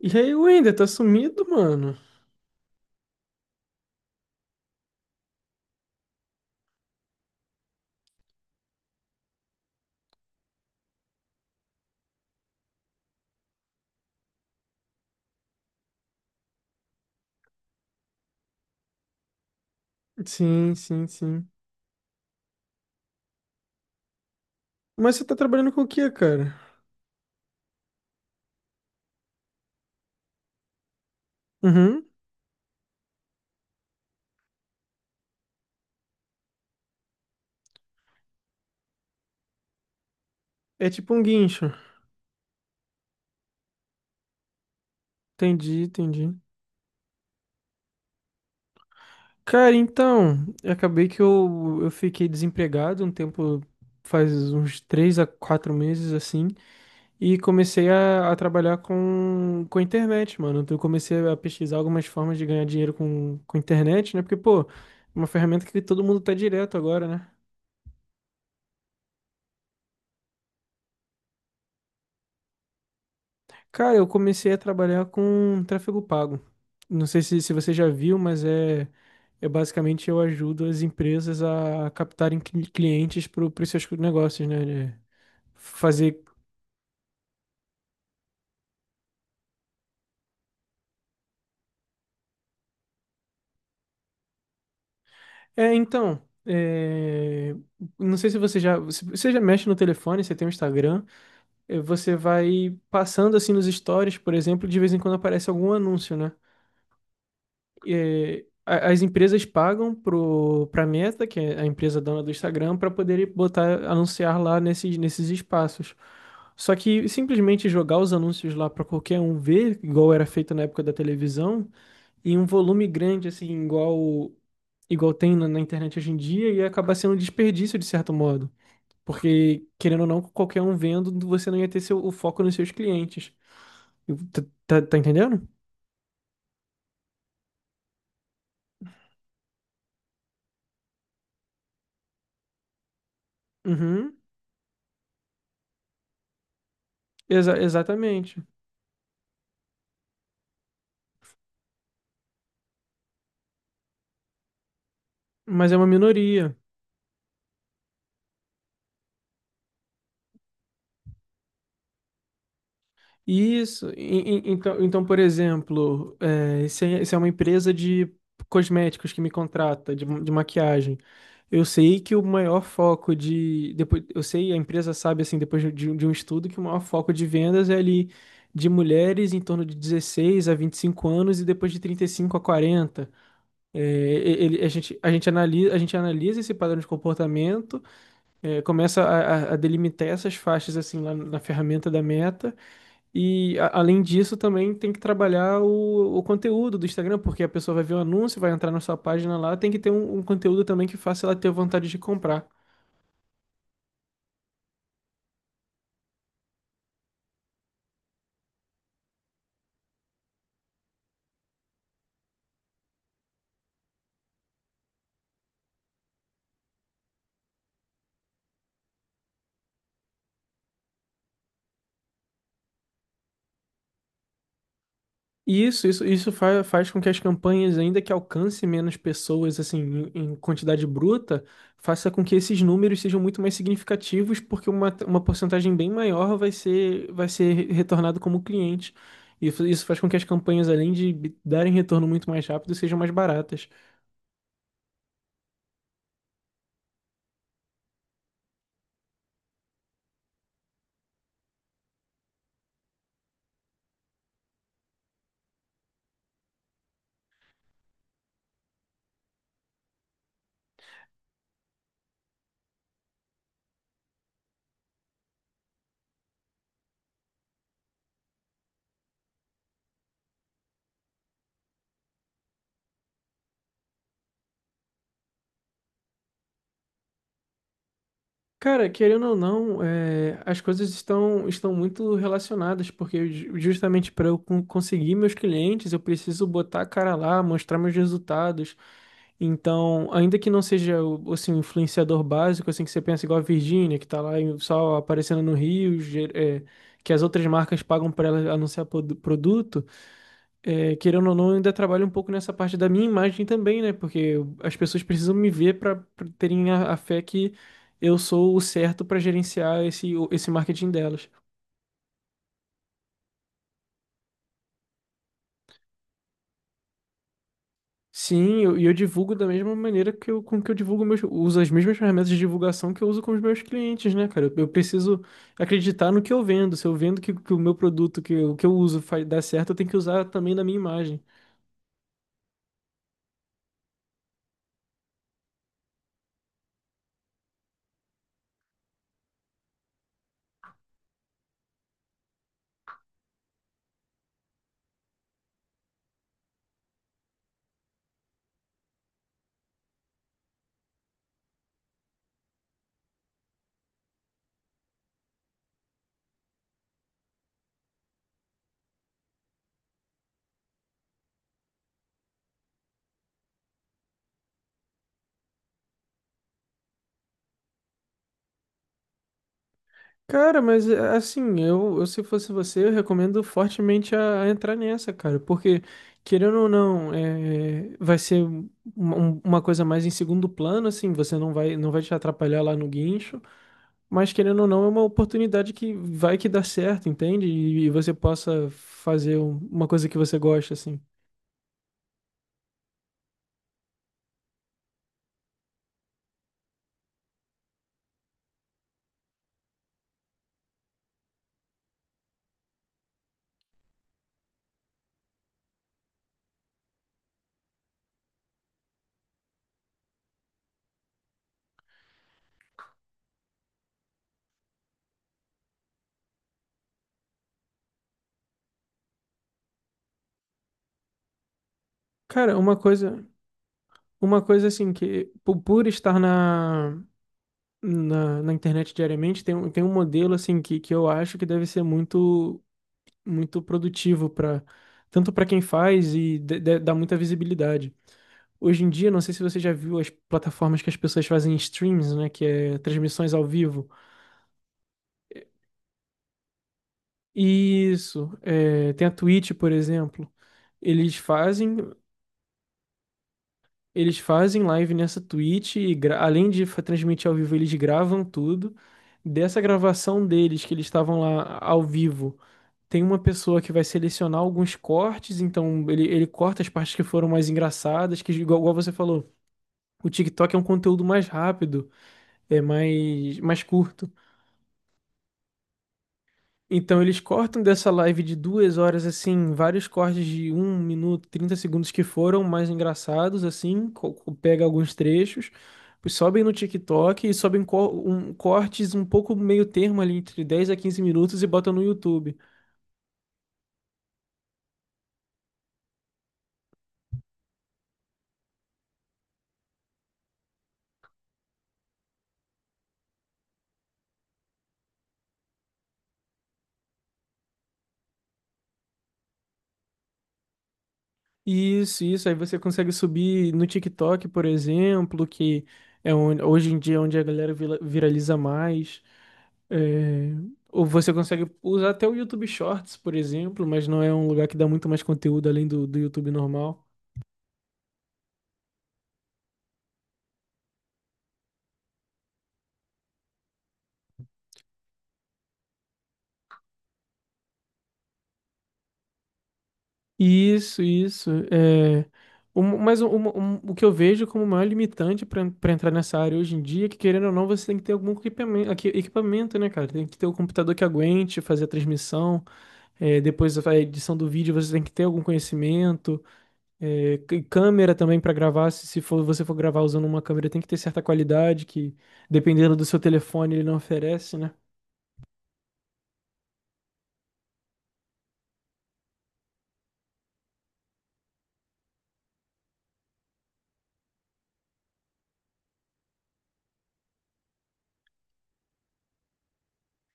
E aí, Wender, tá sumido, mano? Sim, sim, sim. Mas você tá trabalhando com o quê, cara? Uhum. É tipo um guincho. Entendi, entendi. Cara, então, eu acabei que eu fiquei desempregado um tempo, faz uns três a quatro meses, assim, e comecei a trabalhar com a internet, mano. Então, eu comecei a pesquisar algumas formas de ganhar dinheiro com internet, né? Porque, pô, é uma ferramenta que todo mundo tá direto agora, né? Cara, eu comecei a trabalhar com tráfego pago. Não sei se você já viu, mas é basicamente eu ajudo as empresas a captarem clientes para os seus negócios, né? De fazer. É, então, é, não sei se você já. Se você já mexe no telefone, você tem o Instagram, você vai passando assim nos stories, por exemplo, de vez em quando aparece algum anúncio, né? As empresas pagam pra Meta, que é a empresa dona do Instagram, para poderem botar, anunciar lá nesses espaços. Só que simplesmente jogar os anúncios lá para qualquer um ver, igual era feito na época da televisão, em um volume grande, assim, igual igual tem na internet hoje em dia, ia acabar sendo um desperdício de certo modo. Porque, querendo ou não, qualquer um vendo, você não ia ter seu, o foco nos seus clientes. Tá, tá entendendo? Uhum. Exatamente. Mas é uma minoria. Isso. Então, então, por exemplo, é, se é uma empresa de cosméticos que me contrata, de maquiagem, eu sei que o maior foco de. Depois, eu sei, a empresa sabe, assim, depois de um estudo, que o maior foco de vendas é ali de mulheres em torno de 16 a 25 anos e depois de 35 a 40. É, a gente analisa a gente analisa esse padrão de comportamento, é, começa a, a delimitar essas faixas assim lá na ferramenta da Meta. E além disso, também tem que trabalhar o conteúdo do Instagram, porque a pessoa vai ver o anúncio, vai entrar na sua página lá, tem que ter um conteúdo também que faça ela ter vontade de comprar. E isso faz, faz com que as campanhas, ainda que alcance menos pessoas, assim, em quantidade bruta, faça com que esses números sejam muito mais significativos, porque uma porcentagem bem maior vai ser retornado como cliente. E isso faz com que as campanhas, além de darem retorno muito mais rápido, sejam mais baratas. Cara, querendo ou não, as coisas estão muito relacionadas, porque justamente para eu conseguir meus clientes, eu preciso botar a cara lá, mostrar meus resultados. Então, ainda que não seja o assim, o influenciador básico, assim que você pensa igual a Virgínia, que tá só aparecendo no Rio, que as outras marcas pagam para ela anunciar produto, é, querendo ou não, eu ainda trabalho um pouco nessa parte da minha imagem também, né? Porque as pessoas precisam me ver para terem a fé que eu sou o certo para gerenciar esse marketing delas. Sim, eu divulgo da mesma maneira que eu, com que eu divulgo meus, uso as mesmas ferramentas de divulgação que eu uso com os meus clientes, né, cara? Eu preciso acreditar no que eu vendo. Se eu vendo que o meu produto, que, o que eu uso faz, dá certo, eu tenho que usar também na minha imagem. Cara, mas é, assim, eu se fosse você, eu recomendo fortemente a entrar nessa, cara, porque, querendo ou não, é, vai ser uma coisa mais em segundo plano, assim, você não vai te atrapalhar lá no guincho, mas querendo ou não, é uma oportunidade que vai que dá certo, entende? E você possa fazer uma coisa que você gosta, assim. Cara, uma coisa assim, que por estar na, na internet diariamente, tem um modelo assim que eu acho que deve ser muito produtivo para tanto para quem faz e dá muita visibilidade. Hoje em dia, não sei se você já viu as plataformas que as pessoas fazem streams, né? Que é transmissões ao vivo. Isso, é, tem a Twitch, por exemplo. Eles fazem, eles fazem live nessa Twitch e além de transmitir ao vivo, eles gravam tudo. Dessa gravação deles, que eles estavam lá ao vivo, tem uma pessoa que vai selecionar alguns cortes, então ele corta as partes que foram mais engraçadas, que igual, igual você falou, o TikTok é um conteúdo mais rápido, é mais curto. Então eles cortam dessa live de 2 horas, assim, vários cortes de 1 minuto, 30 segundos que foram mais engraçados, assim, pega alguns trechos, sobem no TikTok e sobem cortes um pouco meio termo ali, entre 10 a 15 minutos e botam no YouTube. Isso, isso. Aí você consegue subir no TikTok, por exemplo, que é onde, hoje em dia é onde a galera viraliza mais. É, ou você consegue usar até o YouTube Shorts, por exemplo, mas não é um lugar que dá muito mais conteúdo além do YouTube normal. Isso, isso. Um, mas um- um- o que eu vejo como maior limitante para entrar nessa área hoje em dia é que, querendo ou não, você tem que ter algum equipamento, equipamento, né, cara? Tem que ter um computador que aguente fazer a transmissão. É, depois da edição do vídeo você tem que ter algum conhecimento. É, câmera também para gravar, se for, você for gravar usando uma câmera, tem que ter certa qualidade que, dependendo do seu telefone, ele não oferece, né?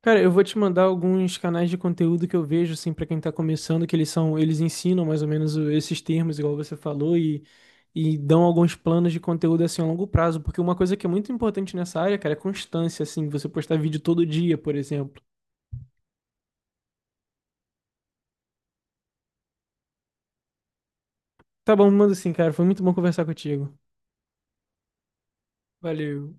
Cara, eu vou te mandar alguns canais de conteúdo que eu vejo, assim, para quem tá começando, que eles são, eles ensinam mais ou menos esses termos, igual você falou, e dão alguns planos de conteúdo, assim, a longo prazo, porque uma coisa que é muito importante nessa área, cara, é constância, assim, você postar vídeo todo dia, por exemplo. Tá bom, manda assim, cara, foi muito bom conversar contigo. Valeu.